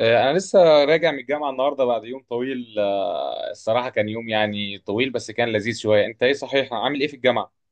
أنا لسه راجع من الجامعة النهاردة بعد يوم طويل. الصراحة كان يوم يعني طويل بس كان لذيذ شوية. أنت إيه صحيح، عامل إيه في الجامعة؟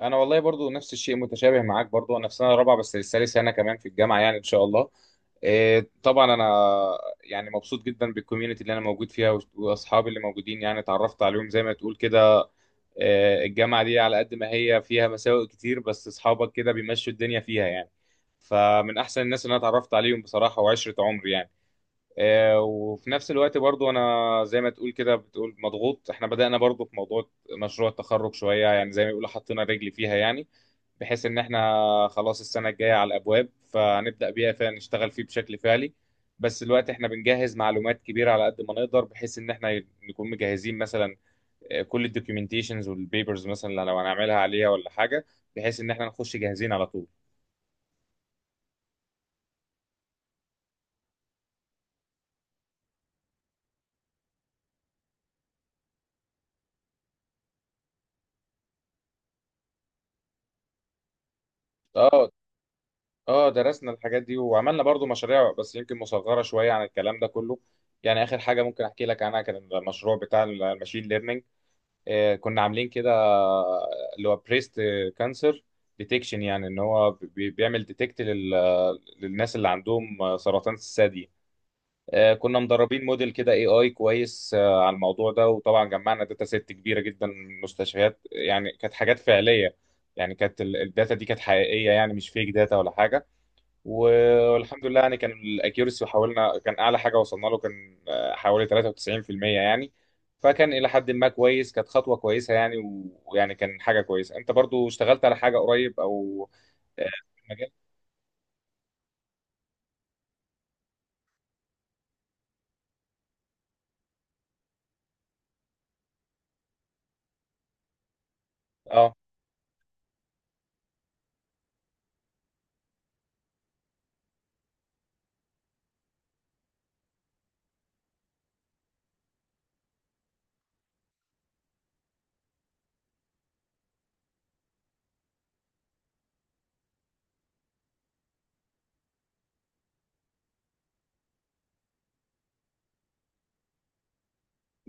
أنا والله برضو نفس الشيء، متشابه معاك. برضو أنا في سنة رابعة بس لسه لي سنة كمان في الجامعة يعني إن شاء الله. طبعا أنا يعني مبسوط جدا بالكوميونتي اللي أنا موجود فيها وأصحابي اللي موجودين يعني اتعرفت عليهم زي ما تقول كده. الجامعة دي على قد ما هي فيها مساوئ كتير بس أصحابك كده بيمشوا الدنيا فيها يعني. فمن أحسن الناس اللي أنا اتعرفت عليهم بصراحة وعشرة عمري يعني. وفي نفس الوقت برضو انا زي ما تقول كده بتقول مضغوط. احنا بدأنا برضو في موضوع مشروع التخرج شوية يعني زي ما بيقولوا حطينا رجلي فيها يعني. بحيث ان احنا خلاص السنة الجاية على الابواب فنبدأ بيها فنشتغل فيه بشكل فعلي. بس الوقت احنا بنجهز معلومات كبيرة على قد ما نقدر بحيث ان احنا نكون مجهزين مثلا كل الدوكيومنتيشنز والبيبرز مثلا لو هنعملها عليها ولا حاجة. بحيث ان احنا نخش جاهزين على طول. اه، اه، درسنا الحاجات دي وعملنا برضو مشاريع بس يمكن مصغرة شوية عن الكلام ده كله. يعني آخر حاجة ممكن أحكي لك عنها كان المشروع بتاع الماشين ليرنينج. كنا عاملين كده، اللي هو بريست كانسر ديتكشن يعني إن هو بيعمل ديتكت للناس اللي عندهم سرطان الثدي. كنا مدربين موديل كده اي اي كويس على الموضوع ده، وطبعا جمعنا داتا سيت كبيرة جدا من مستشفيات يعني كانت حاجات فعلية. يعني كانت الداتا دي كانت حقيقية يعني مش فيك داتا ولا حاجة. و- والحمد لله يعني كان الاكيورسي حاولنا، كان اعلى حاجه وصلنا له كان حوالي 93% يعني. فكان الى حد ما كويس، كانت خطوه كويسه يعني. ويعني كان حاجه كويسه. انت برضو اشتغلت على حاجه قريب او آه، في المجال. اه،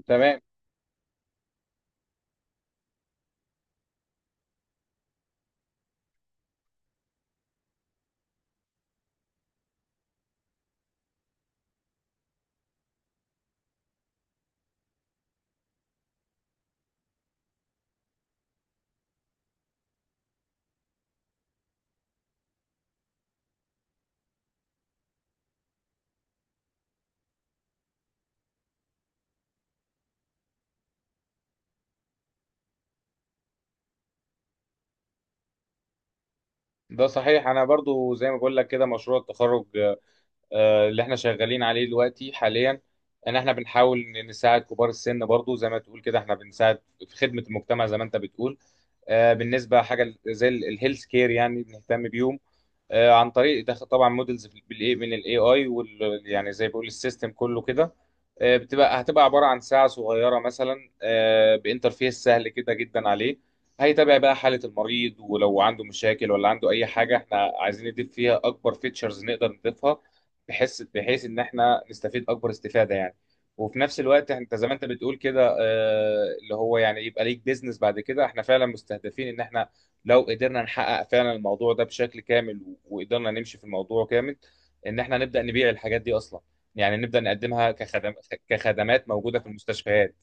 تمام. ده صحيح. انا برضو زي ما بقول لك كده مشروع التخرج اللي احنا شغالين عليه دلوقتي حاليا، ان احنا بنحاول نساعد كبار السن. برضو زي ما تقول كده احنا بنساعد في خدمه المجتمع زي ما انت بتقول. بالنسبه حاجه زي الهيلث كير يعني بنهتم بيهم عن طريق دخل طبعا مودلز بالاي من الاي اي وال يعني زي بقول السيستم كله كده. بتبقى هتبقى عباره عن ساعه صغيره مثلا بانترفيس سهل كده جدا عليه. هيتابع بقى حاله المريض، ولو عنده مشاكل ولا عنده اي حاجه احنا عايزين نضيف فيها اكبر فيتشرز نقدر نضيفها بحيث ان احنا نستفيد اكبر استفاده يعني. وفي نفس الوقت انت زي ما انت بتقول كده اللي هو يعني يبقى ليك بيزنس بعد كده. احنا فعلا مستهدفين ان احنا لو قدرنا نحقق فعلا الموضوع ده بشكل كامل وقدرنا نمشي في الموضوع كامل ان احنا نبدا نبيع الحاجات دي اصلا، يعني نبدا نقدمها كخدم كخدمات موجوده في المستشفيات.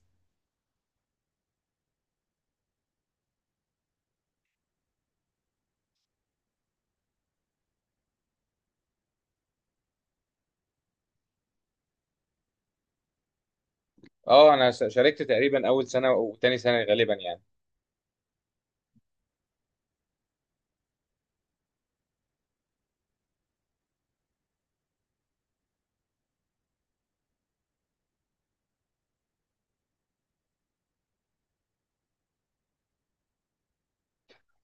اه انا شاركت تقريبا اول سنه وتاني سنه غالبا يعني.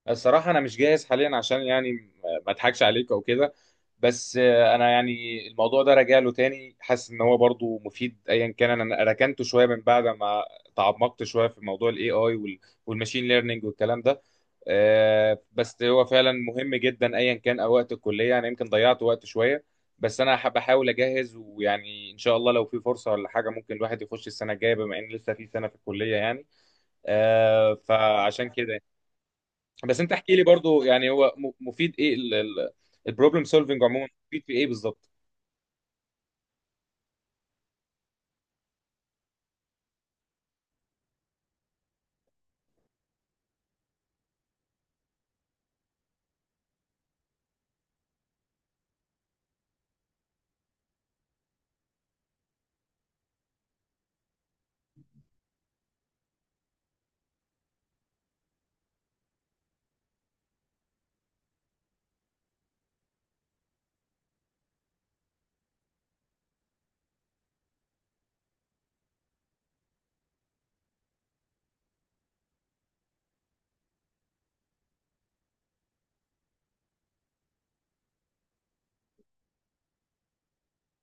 الصراحه انا مش جاهز حاليا عشان يعني ما اضحكش عليك او كده. بس انا يعني الموضوع ده راجع له تاني، حاسس ان هو برضو مفيد. ايا كان انا ركنته شويه من بعد ما تعمقت شويه في موضوع الاي اي والماشين ليرنينج والكلام ده. بس هو فعلا مهم جدا، ايا كان، او وقت الكليه انا يمكن ضيعت وقت شويه. بس انا بحاول اجهز، ويعني ان شاء الله لو في فرصه ولا حاجه ممكن الواحد يخش السنه الجايه بما ان لسه في سنه في الكليه يعني. فعشان كده يعني. بس انت احكي لي برضو يعني هو مفيد ايه؟ البروبلم سولفنج عموما مفيد في ايه بالظبط؟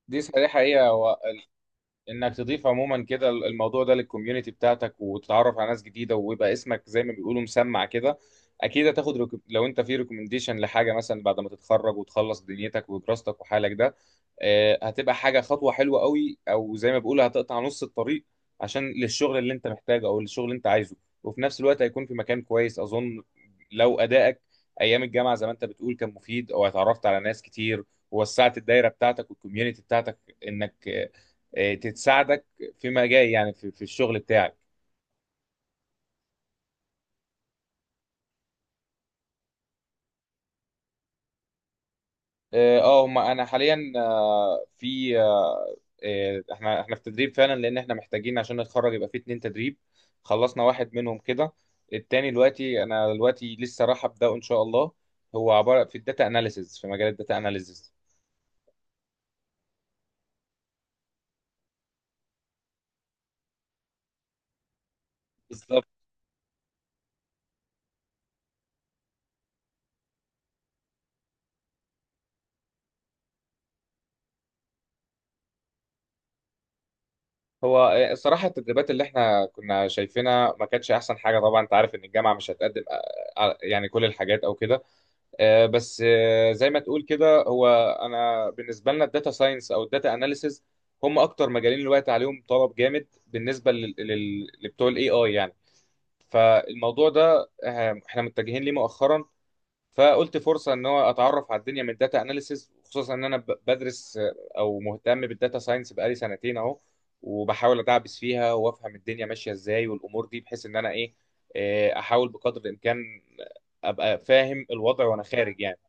دي صحيحه حقيقه، انك تضيف عموما كده الموضوع ده للكوميونتي بتاعتك وتتعرف على ناس جديده ويبقى اسمك زي ما بيقولوا مسمع كده. اكيد هتاخد لو انت في ريكومنديشن لحاجه مثلا بعد ما تتخرج وتخلص دنيتك ودراستك وحالك ده هتبقى حاجه، خطوه حلوه قوي او زي ما بيقولوا هتقطع نص الطريق عشان للشغل اللي انت محتاجه او للشغل اللي انت عايزه. وفي نفس الوقت هيكون في مكان كويس اظن لو ادائك ايام الجامعه زي ما انت بتقول كان مفيد او اتعرفت على ناس كتير ووسعت الدايره بتاعتك والكوميونتي بتاعتك انك تساعدك فيما جاي يعني في الشغل بتاعك. اه، هم انا حاليا في آه، آه، احنا احنا في تدريب فعلا لان احنا محتاجين عشان نتخرج يبقى في 2 تدريب. خلصنا واحد منهم كده. التاني دلوقتي انا دلوقتي لسه راح ابداه ان شاء الله. هو عباره في الداتا اناليسز في مجال الداتا اناليسز. بالظبط. هو الصراحه التدريبات اللي احنا كنا شايفينها ما كانتش احسن حاجه. طبعا انت عارف ان الجامعه مش هتقدم يعني كل الحاجات او كده. بس زي ما تقول كده هو انا بالنسبه لنا الداتا ساينس او الداتا اناليسز هم اكتر مجالين دلوقتي عليهم طلب جامد بالنسبه لبتوع الاي اي يعني. فالموضوع ده احنا متجهين ليه مؤخرا. فقلت فرصه ان هو اتعرف على الدنيا من الداتا اناليسز، خصوصا ان انا بدرس او مهتم بالداتا ساينس بقالي سنتين اهو. وبحاول ادعبس فيها وافهم الدنيا ماشيه ازاي والامور دي بحيث ان انا ايه احاول بقدر الامكان ابقى فاهم الوضع وانا خارج يعني.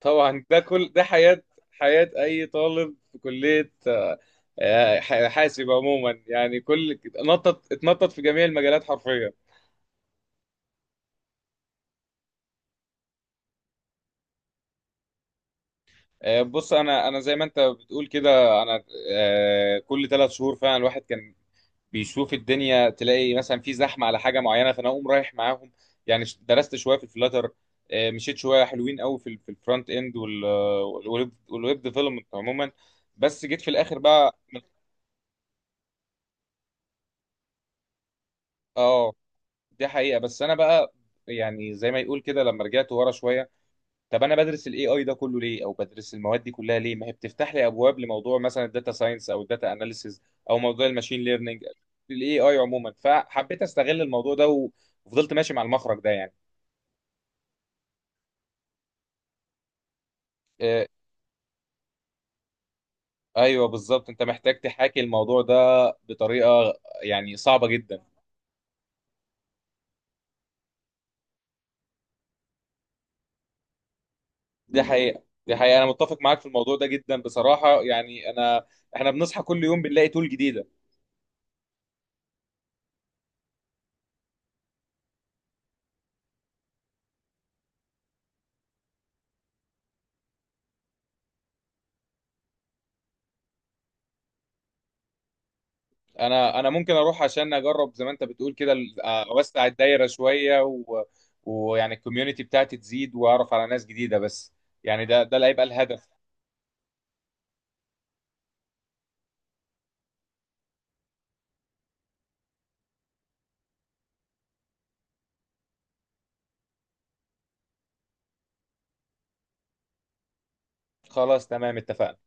طبعا ده كل ده حياة، حياة أي طالب في كلية آه، حاسب عموما يعني. كل اتنطط اتنطط في جميع المجالات حرفيا. بص أنا زي ما أنت بتقول كده، أنا كل 3 شهور فعلا الواحد كان بيشوف الدنيا. تلاقي مثلا في زحمة على حاجة معينة فأنا أقوم رايح معاهم. يعني درست شوية في الفلاتر، مشيت شوية حلوين قوي في في الفرونت إند والويب والويب ديفلوبمنت عموما. بس جيت في الآخر بقى. اه، دي حقيقة. بس أنا بقى يعني زي ما يقول كده لما رجعت ورا شوية، طب أنا بدرس ال AI ده كله ليه؟ أو بدرس المواد دي كلها ليه؟ ما هي بتفتح لي أبواب لموضوع مثلا الداتا ساينس أو الداتا أناليسيز أو موضوع الماشين ليرنينج ال AI عموما. فحبيت أستغل الموضوع ده وفضلت ماشي مع المخرج ده يعني. آه، أيوه بالظبط، أنت محتاج تحاكي الموضوع ده بطريقة يعني صعبة جدا. دي حقيقة، دي حقيقة، أنا متفق معاك في الموضوع ده جدا بصراحة. يعني أنا، إحنا بنصحى كل يوم بنلاقي تول جديدة. انا ممكن اروح عشان اجرب زي ما انت بتقول كده، اوسع الدايره شويه، و... ويعني الكوميونتي بتاعتي تزيد واعرف على ناس جديده. بس يعني ده اللي هيبقى الهدف. خلاص، تمام، اتفقنا.